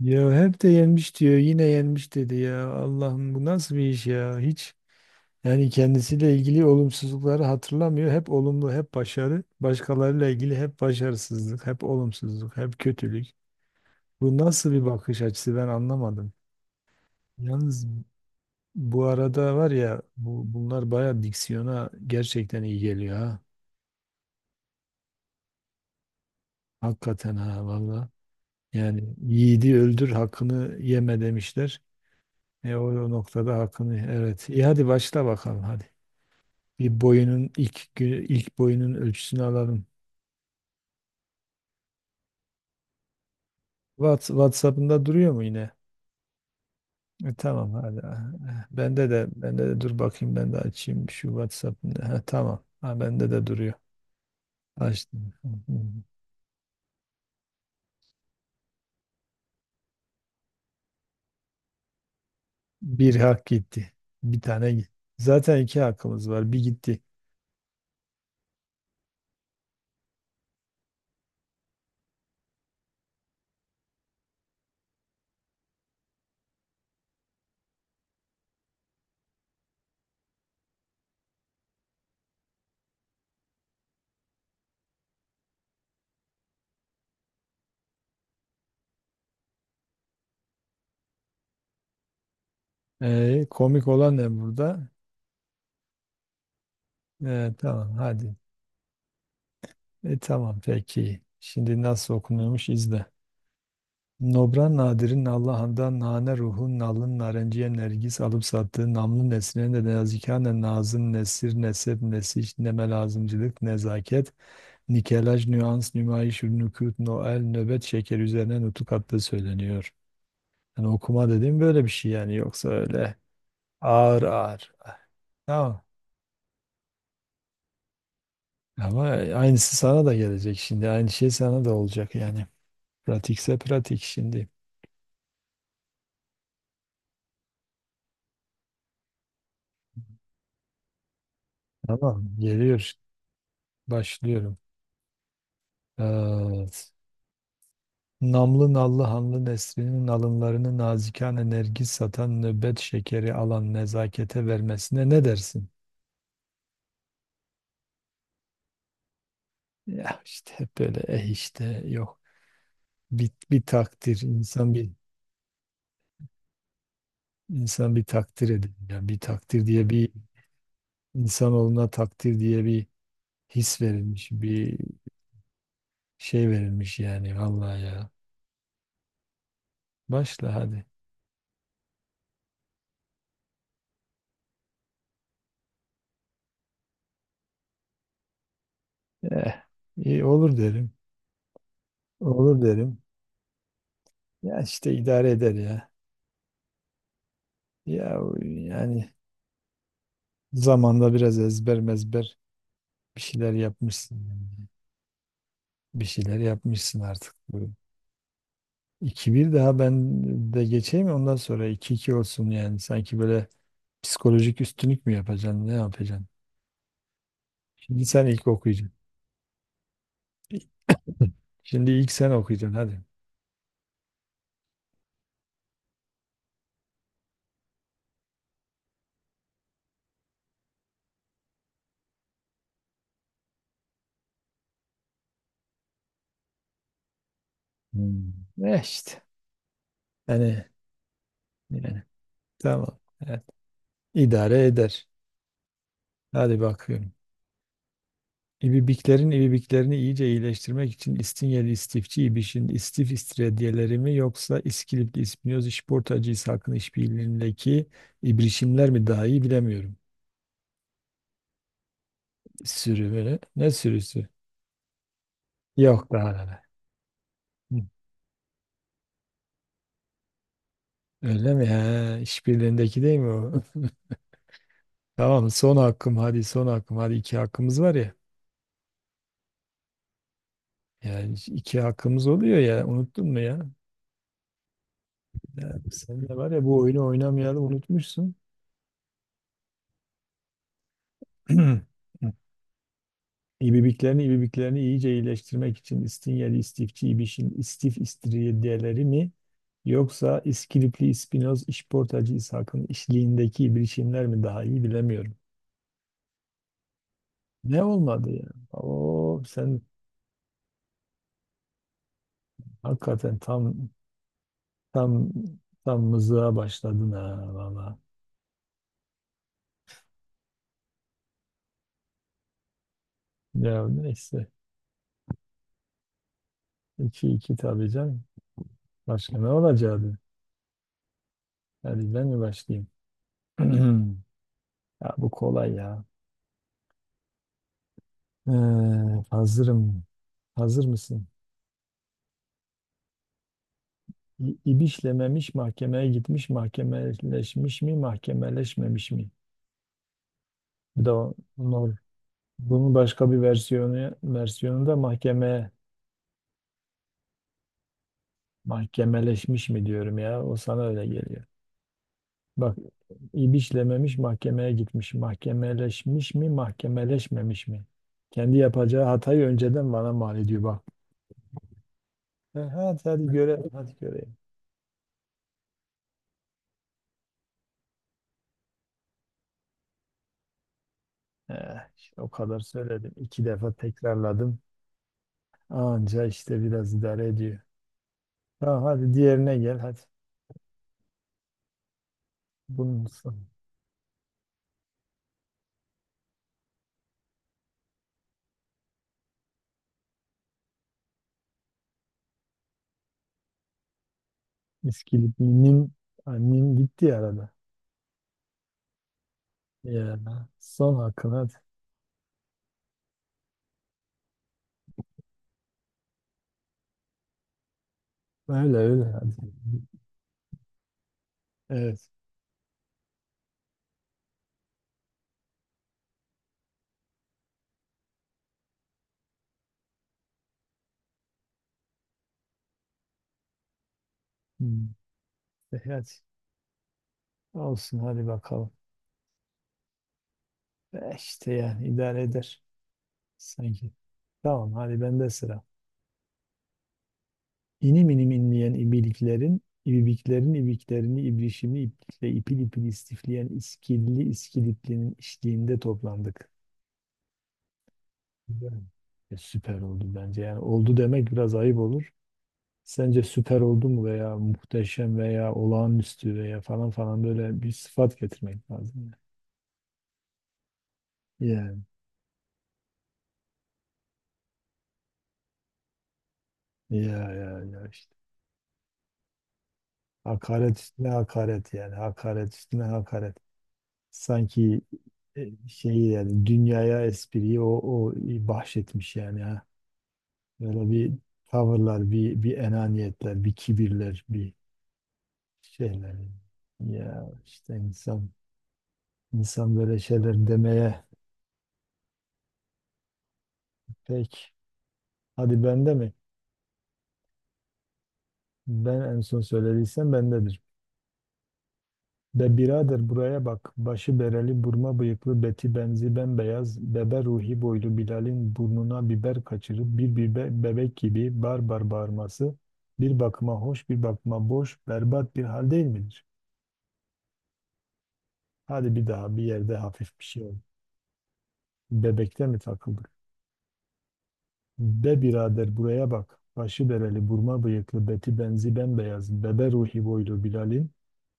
Ya hep de yenmiş diyor, yine yenmiş dedi ya. Allah'ım bu nasıl bir iş ya? Hiç yani kendisiyle ilgili olumsuzlukları hatırlamıyor. Hep olumlu, hep başarı. Başkalarıyla ilgili hep başarısızlık, hep olumsuzluk, hep kötülük. Bu nasıl bir bakış açısı, ben anlamadım. Yalnız bu arada var ya, bunlar bayağı diksiyona gerçekten iyi geliyor ha. Hakikaten ha, valla. Yani yiğidi öldür hakkını yeme demişler. E o noktada hakkını, evet. İyi, hadi başla bakalım hadi. Bir boyunun ilk boyunun ölçüsünü alalım. WhatsApp'ında duruyor mu yine? E, tamam hadi. Bende de dur bakayım, ben de açayım şu WhatsApp'ını. Ha, tamam. Ha, bende de duruyor. Açtım. Hı hı. Bir hak gitti. Bir tane gitti. Zaten iki hakkımız var. Bir gitti. E, komik olan ne burada? E, tamam hadi. E, tamam peki. Şimdi nasıl okunuyormuş izle. Nobran Nadir'in Allahan'dan nane ruhun nalın narenciye nergis alıp sattığı namlı nesline de nazikane nazım nesir nesep nesiş neme lazımcılık nezaket nikelaj nüans nümayiş nükut noel nöbet şeker üzerine nutuk attığı söyleniyor. Yani okuma dediğim böyle bir şey yani, yoksa öyle ağır ağır. Tamam. Ama aynısı sana da gelecek şimdi. Aynı şey sana da olacak yani. Pratikse pratik şimdi. Tamam. Geliyor. Başlıyorum. Evet. Namlı nallı hanlı neslinin alınlarını nazikane nergis satan nöbet şekeri alan nezakete vermesine ne dersin? Ya işte hep böyle işte, yok bir takdir, insan bir, insan bir takdir edin ya, bir takdir diye bir insanoğluna takdir diye bir his verilmiş, bir şey verilmiş yani, vallahi ya, başla hadi. eh iyi olur derim, olur derim, ya işte idare eder ya. Ya yani zamanda biraz ezber mezber bir şeyler yapmışsın, yani. Bir şeyler yapmışsın artık. Bu 2 bir, daha ben de geçeyim, ondan sonra iki iki olsun yani. Sanki böyle psikolojik üstünlük mü yapacaksın, ne yapacaksın? Şimdi sen ilk okuyacaksın. Şimdi ilk sen okuyacaksın hadi. Hmm. Ne işte. Yani, yani, tamam. Evet. İdare eder. Hadi bakıyorum. İbibiklerin ibibiklerini iyice iyileştirmek için İstinyeli istifçi İbiş'in istif istiridyeleri mi, yoksa İskilipli İspinyoz İşportacı İshak'ın işbirliğindeki ibrişimler mi daha iyi bilemiyorum. Sürü böyle. Ne sürüsü? Yok daha neler. Hı. Öyle mi? He, işbirliğindeki değil mi o? Tamam, son hakkım hadi, son hakkım hadi, iki hakkımız var ya. Yani iki hakkımız oluyor ya, unuttun mu ya? Ya sen de var ya, bu oyunu oynamayalım, unutmuşsun. İbibiklerini iyice iyileştirmek için İstinyeli, İstifçi, İbiş'in İstif İstiridyeleri mi? Yoksa İskilipli İspinoz, İşportacı İshak'ın işliğindeki bilişimler mi daha iyi bilemiyorum. Ne olmadı ya? Oo, sen hakikaten tam tam tam mızığa başladın ha, valla. Ya neyse. İki iki, tabii canım. Başka ne olacaktı? Hadi, ben mi başlayayım? Ya bu kolay ya. Ee, Hazırım. Hazır mısın? İbişlememiş mahkemeye gitmiş, mahkemeleşmiş mi, mahkemeleşmemiş mi? Bu da olur. Bunun başka bir versiyonu da mahkemeye, mahkemeleşmiş mi diyorum ya. O sana öyle geliyor. Bak, ibişlememiş mahkemeye gitmiş, mahkemeleşmiş mi, mahkemeleşmemiş mi? Kendi yapacağı hatayı önceden bana mal ediyor bak. E, hadi hadi görelim, hadi göreyim. İşte o kadar söyledim. İki defa tekrarladım. Anca işte biraz idare ediyor. Tamam, hadi diğerine gel hadi. Bunun son. İskilip nim, ha, nim gitti ya arada. Ya, son hakkın hadi. Öyle öyle hadi. Evet. Hmm. E, hadi. Olsun, hadi bakalım. E, işte yani idare eder sanki. Tamam, hadi bende sıra. İnim inim inleyen ibiliklerin, ibibiklerin ibiklerini ibrişimli iplikle ipil ipil istifleyen iskilli iskiliplinin işliğinde toplandık. Güzel. E, süper oldu bence. Yani oldu demek biraz ayıp olur. Sence süper oldu mu, veya muhteşem veya olağanüstü veya falan falan, böyle bir sıfat getirmek lazım. Yani ya, ya ya işte. Hakaret üstüne hakaret yani. Hakaret üstüne hakaret. Sanki şeyi yani, dünyaya espriyi o bahşetmiş yani ha. Böyle bir tavırlar, bir enaniyetler, bir kibirler, bir şeyler. Ya işte insan böyle şeyler demeye pek. Hadi, bende mi? Ben en son söylediysem bendedir. Be birader buraya bak. Başı bereli, burma bıyıklı, beti benzi bembeyaz, bebe ruhi boylu Bilal'in burnuna biber kaçırıp bir bebek gibi bar bar bağırması bir bakıma hoş, bir bakıma boş, berbat bir hal değil midir? Hadi bir daha, bir yerde hafif bir şey ol. Bebekte mi takıldık? Be birader buraya bak. Başı bereli, burma bıyıklı, beti benzi bembeyaz, bebe ruhi boylu Bilal'in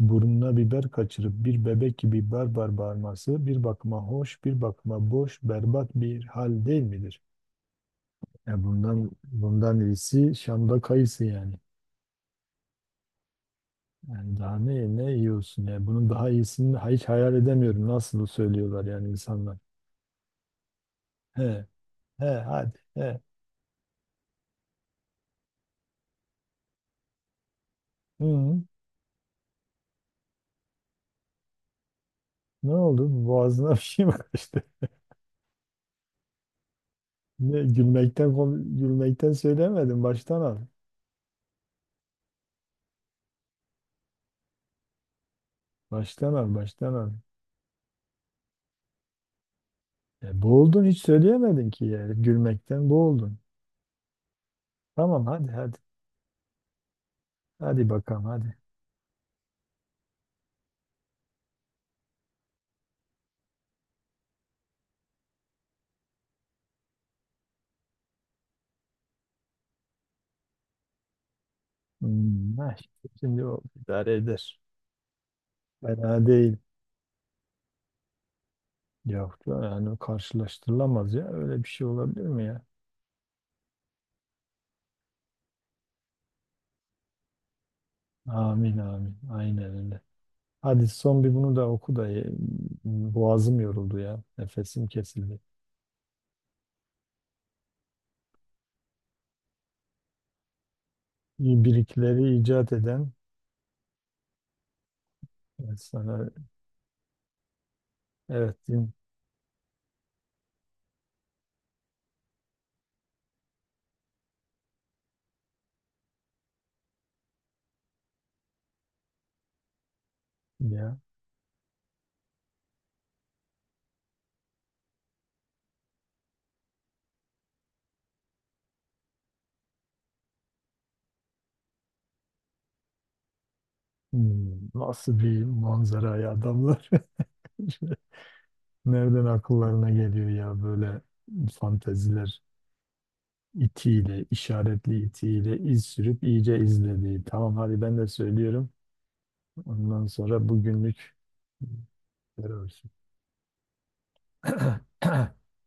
burnuna biber kaçırıp bir bebek gibi barbar bağırması bir bakıma hoş, bir bakıma boş, berbat bir hal değil midir? Ya bundan iyisi Şam'da kayısı yani. Yani daha ne yiyorsun ya? Bunun daha iyisini hiç hayal edemiyorum. Nasıl söylüyorlar yani insanlar. He, he, hadi, he. Hı, ne oldu? Boğazına bir şey mi kaçtı? Ne, gülmekten söylemedim. Baştan al. Baştan al, baştan al. E, boğuldun, hiç söyleyemedin ki yani. Gülmekten boğuldun. Tamam, hadi hadi. Hadi bakalım hadi. Hmm, ha, işte şimdi o idare eder. Fena değil. Yok yani, karşılaştırılamaz ya. Öyle bir şey olabilir mi ya? Amin amin. Aynen öyle. Hadi, son bir bunu da oku da boğazım yoruldu ya. Nefesim kesildi. İbrikleri icat eden sana, evet din ya. Hmm, nasıl bir manzara ya adamlar. Nereden akıllarına geliyor ya böyle fanteziler, itiyle, işaretli itiyle iz sürüp iyice izlediği. Tamam hadi, ben de söylüyorum. Ondan sonra bugünlük terörsün.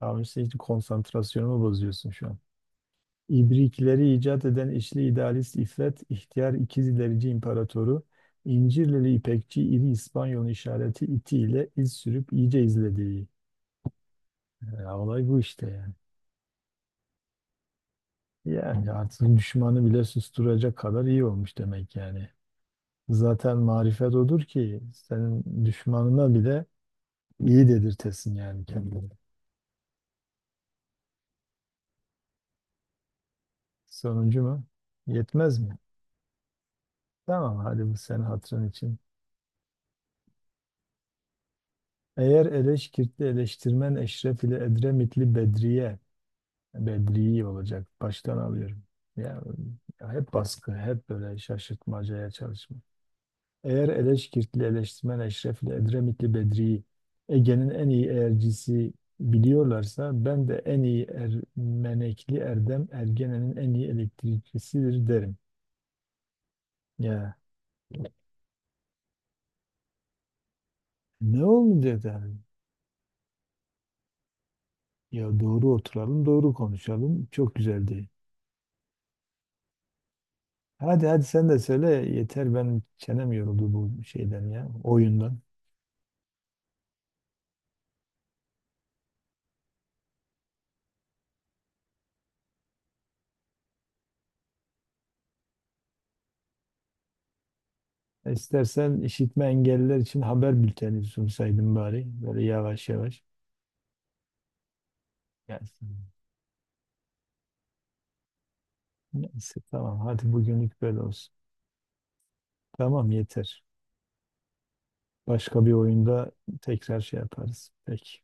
Tamam işte, hiç konsantrasyonumu bozuyorsun şu an. İbrikleri icat eden işli idealist İffet, ihtiyar ikiz ilerici imparatoru, İncirlili İpekçi iri İspanyol işareti itiyle iz sürüp iyice izlediği. Ya olay bu işte yani. Yani artık düşmanı bile susturacak kadar iyi olmuş demek yani. Zaten marifet odur ki, senin düşmanına bile iyi dedirtesin yani kendini. Sonuncu mu? Yetmez mi? Tamam hadi, bu senin hatırın için. Eğer Eleşkirtli eleştirmen Eşref ile Edremitli Bedriye, Bedriyi olacak. Baştan alıyorum. Ya, ya, hep baskı, hep böyle şaşırtmacaya çalışma. Eğer Eleşkirtli, eleştirmen Eşrefli, Edremitli Bedri'yi Ege'nin en iyi eğercisi biliyorlarsa, ben de en iyi Ermenekli Erdem Ergenen'in en iyi elektrikçisidir derim. Ya ne olmayacak yani? Ya doğru oturalım, doğru konuşalım. Çok güzeldi. Hadi hadi, sen de söyle yeter, benim çenem yoruldu bu şeyden ya, oyundan. İstersen işitme engelliler için haber bülteni sunsaydım bari, böyle yavaş yavaş. Yani neyse, tamam hadi bugünlük böyle olsun. Tamam yeter. Başka bir oyunda tekrar şey yaparız. Peki.